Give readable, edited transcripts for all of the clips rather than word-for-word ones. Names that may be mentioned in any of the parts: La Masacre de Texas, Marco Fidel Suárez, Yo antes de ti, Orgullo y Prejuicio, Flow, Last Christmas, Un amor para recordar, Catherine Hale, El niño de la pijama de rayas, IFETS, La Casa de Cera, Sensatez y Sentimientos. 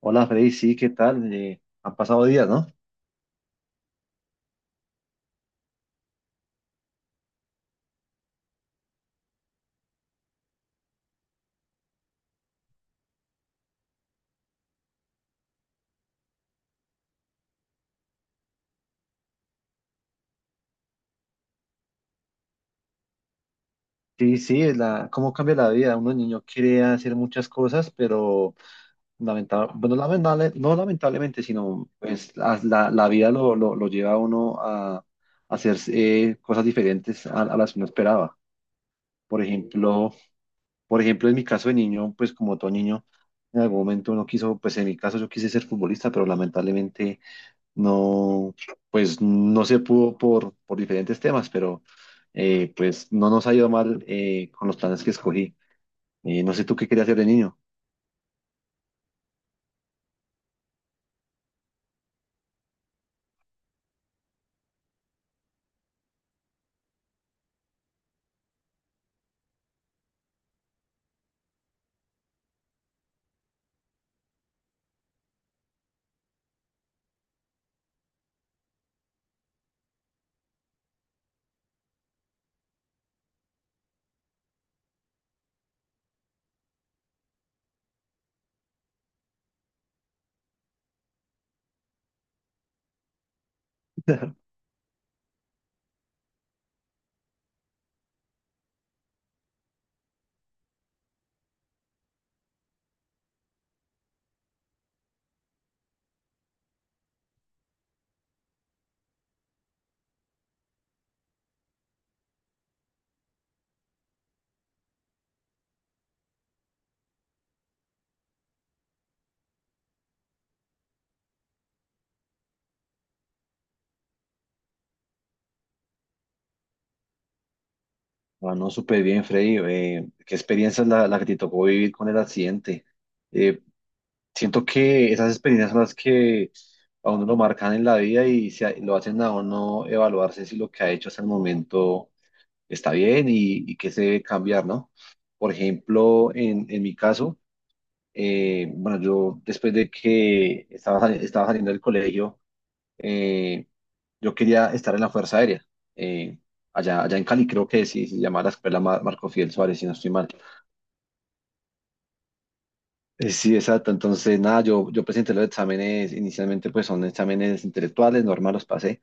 Hola Freddy, sí, ¿qué tal? Han pasado días, ¿no? Sí, sí, cómo cambia la vida. Uno de niño quiere hacer muchas cosas, pero lamentable, bueno, lamentable, no lamentablemente, sino pues la vida lo lleva a uno a hacer cosas diferentes a las que uno esperaba. Por ejemplo, por ejemplo, en mi caso de niño, pues como todo niño, en algún momento uno quiso, pues en mi caso yo quise ser futbolista, pero lamentablemente no, pues no se pudo por diferentes temas, pero pues no nos ha ido mal con los planes que escogí. No sé tú qué querías hacer de niño. Ah, no, súper bien, Freddy. ¿Qué experiencia es la que te tocó vivir con el accidente? Eh, siento que esas experiencias son las que a uno lo marcan en la vida y lo hacen a uno evaluarse si lo que ha hecho hasta el momento está bien y qué se debe cambiar, ¿no? Por ejemplo, en mi caso. Bueno, yo después de que estaba saliendo del colegio, eh, yo quería estar en la Fuerza Aérea. eh, allá en Cali creo que sí, se llama la escuela Marco Fidel Suárez, si no estoy mal. Sí, exacto. Entonces, nada, yo presenté los exámenes, inicialmente pues son exámenes intelectuales, normal los pasé,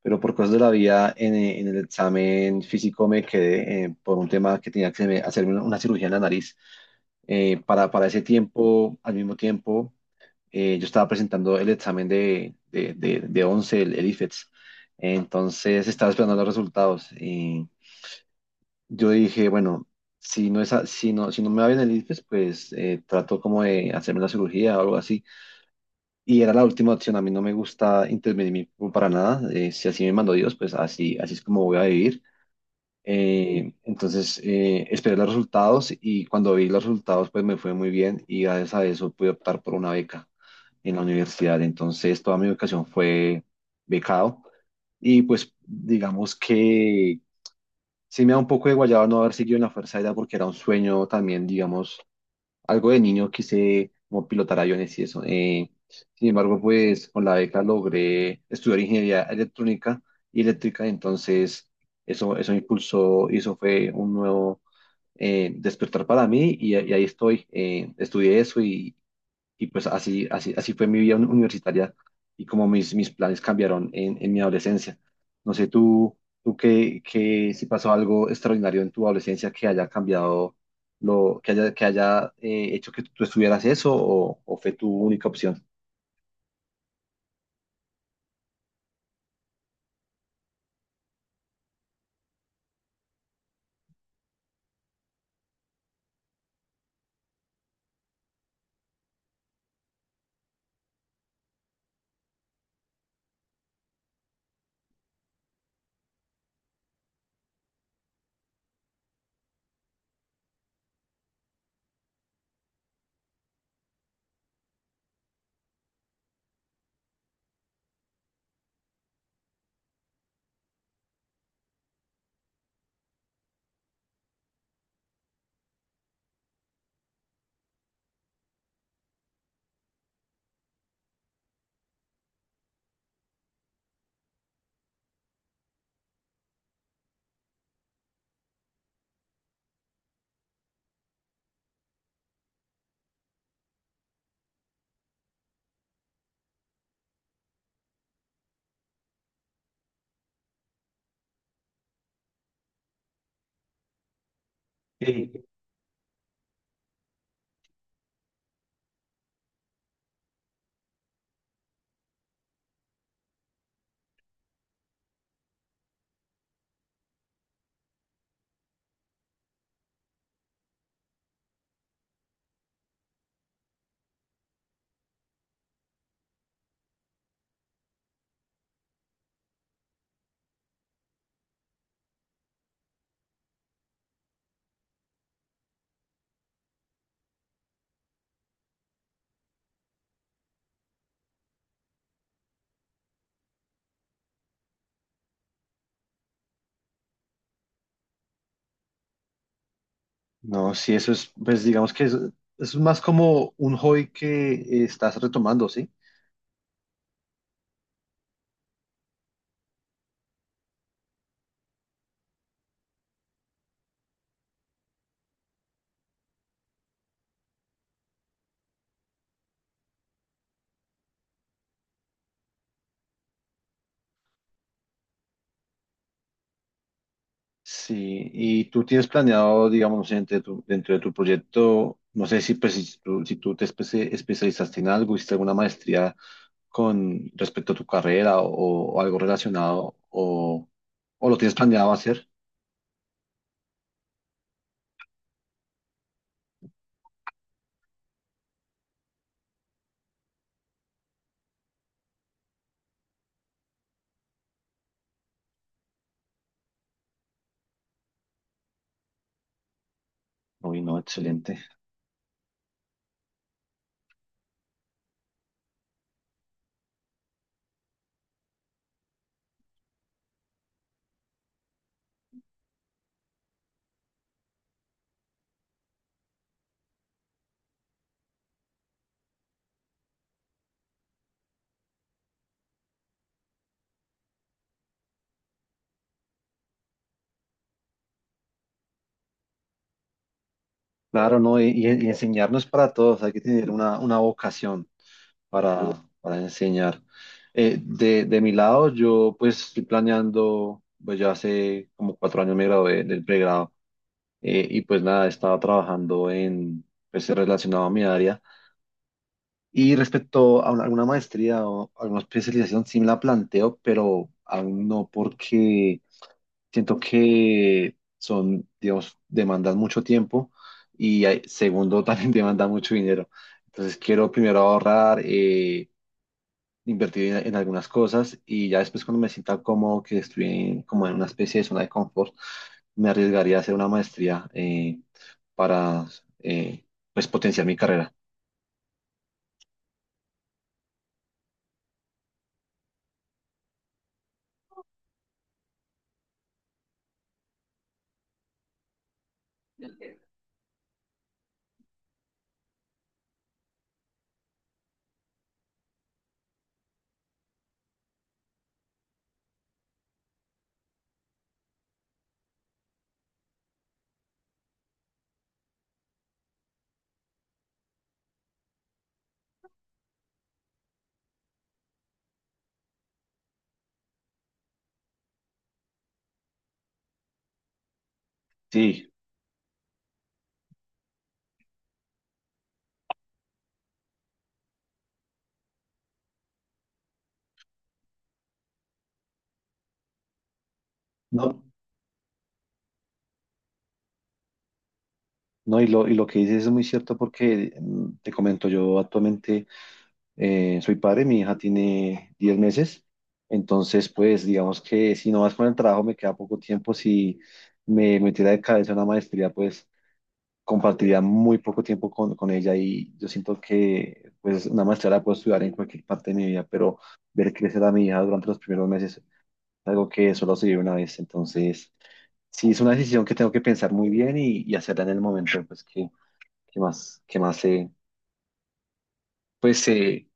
pero por cosas de la vida en el examen físico me quedé por un tema que tenía que hacerme una cirugía en la nariz. Para ese tiempo, al mismo tiempo yo estaba presentando el examen de 11, el IFETS. Entonces estaba esperando los resultados. Y yo dije, bueno, si no, es a- si no, si no me va bien el IFES, pues trato como de hacerme una cirugía o algo así. Y era la última opción. A mí no me gusta intervenir mi cuerpo para nada. Si así me mandó Dios, pues así, así es como voy a vivir. Entonces esperé los resultados y cuando vi los resultados, pues me fue muy bien y gracias a eso pude optar por una beca en la universidad. Entonces, toda mi educación fue becado y pues digamos que sí me da un poco de guayaba no haber seguido en la Fuerza Aérea porque era un sueño también, digamos, algo de niño quise como pilotar aviones y eso. Sin embargo, pues con la beca logré estudiar ingeniería electrónica y eléctrica, entonces eso me impulsó y eso fue un nuevo despertar para mí y ahí estoy. Estudié eso y pues así fue mi vida universitaria y como mis planes cambiaron en mi adolescencia. No sé, tú si pasó algo extraordinario en tu adolescencia que haya cambiado, que haya hecho que tú estuvieras eso o fue tu única opción. Sí. No, sí, eso es, pues digamos que es más como un hobby que estás retomando, ¿sí? Sí, y tú tienes planeado, digamos, no sé, dentro de tu proyecto, no sé si, pues, si tú te especializaste en algo, hiciste alguna maestría con respecto a tu carrera o algo relacionado, o lo tienes planeado hacer. Uy, no, excelente. Claro, no, y enseñar no es para todos, hay que tener una vocación para enseñar. De mi lado, yo pues estoy planeando, pues ya hace como 4 años me gradué del pregrado y pues nada, estaba trabajando en, pues relacionado a mi área. Y respecto a alguna maestría o alguna especialización, sí me la planteo, pero aún no porque siento que son, digamos, demandan mucho tiempo y segundo, también demanda mucho dinero. Entonces quiero primero ahorrar, invertir en algunas cosas y ya después cuando me sienta cómodo, que estoy como en una especie de zona de confort, me arriesgaría a hacer una maestría para eh, pues potenciar mi carrera. Sí, no, no, y lo que dices es muy cierto porque te comento, yo actualmente soy padre, mi hija tiene 10 meses, entonces pues digamos que si no vas con el trabajo me queda poco tiempo, si me metiera de cabeza en una maestría, pues compartiría muy poco tiempo con ella y yo siento que pues una maestría la puedo estudiar en cualquier parte de mi vida, pero ver crecer a mi hija durante los primeros meses es algo que solo se vive una vez, entonces sí es una decisión que tengo que pensar muy bien y hacerla en el momento, pues que más pues se,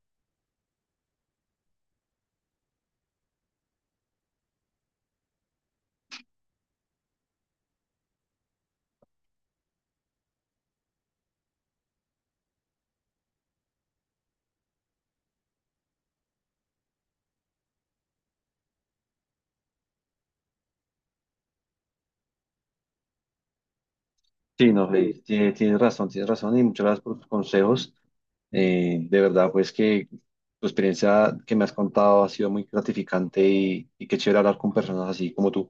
sí, no, tienes razón y muchas gracias por tus consejos. De verdad pues que tu experiencia que me has contado ha sido muy gratificante y qué chévere hablar con personas así como tú.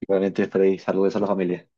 Igualmente, Freddy, saludos a la familia.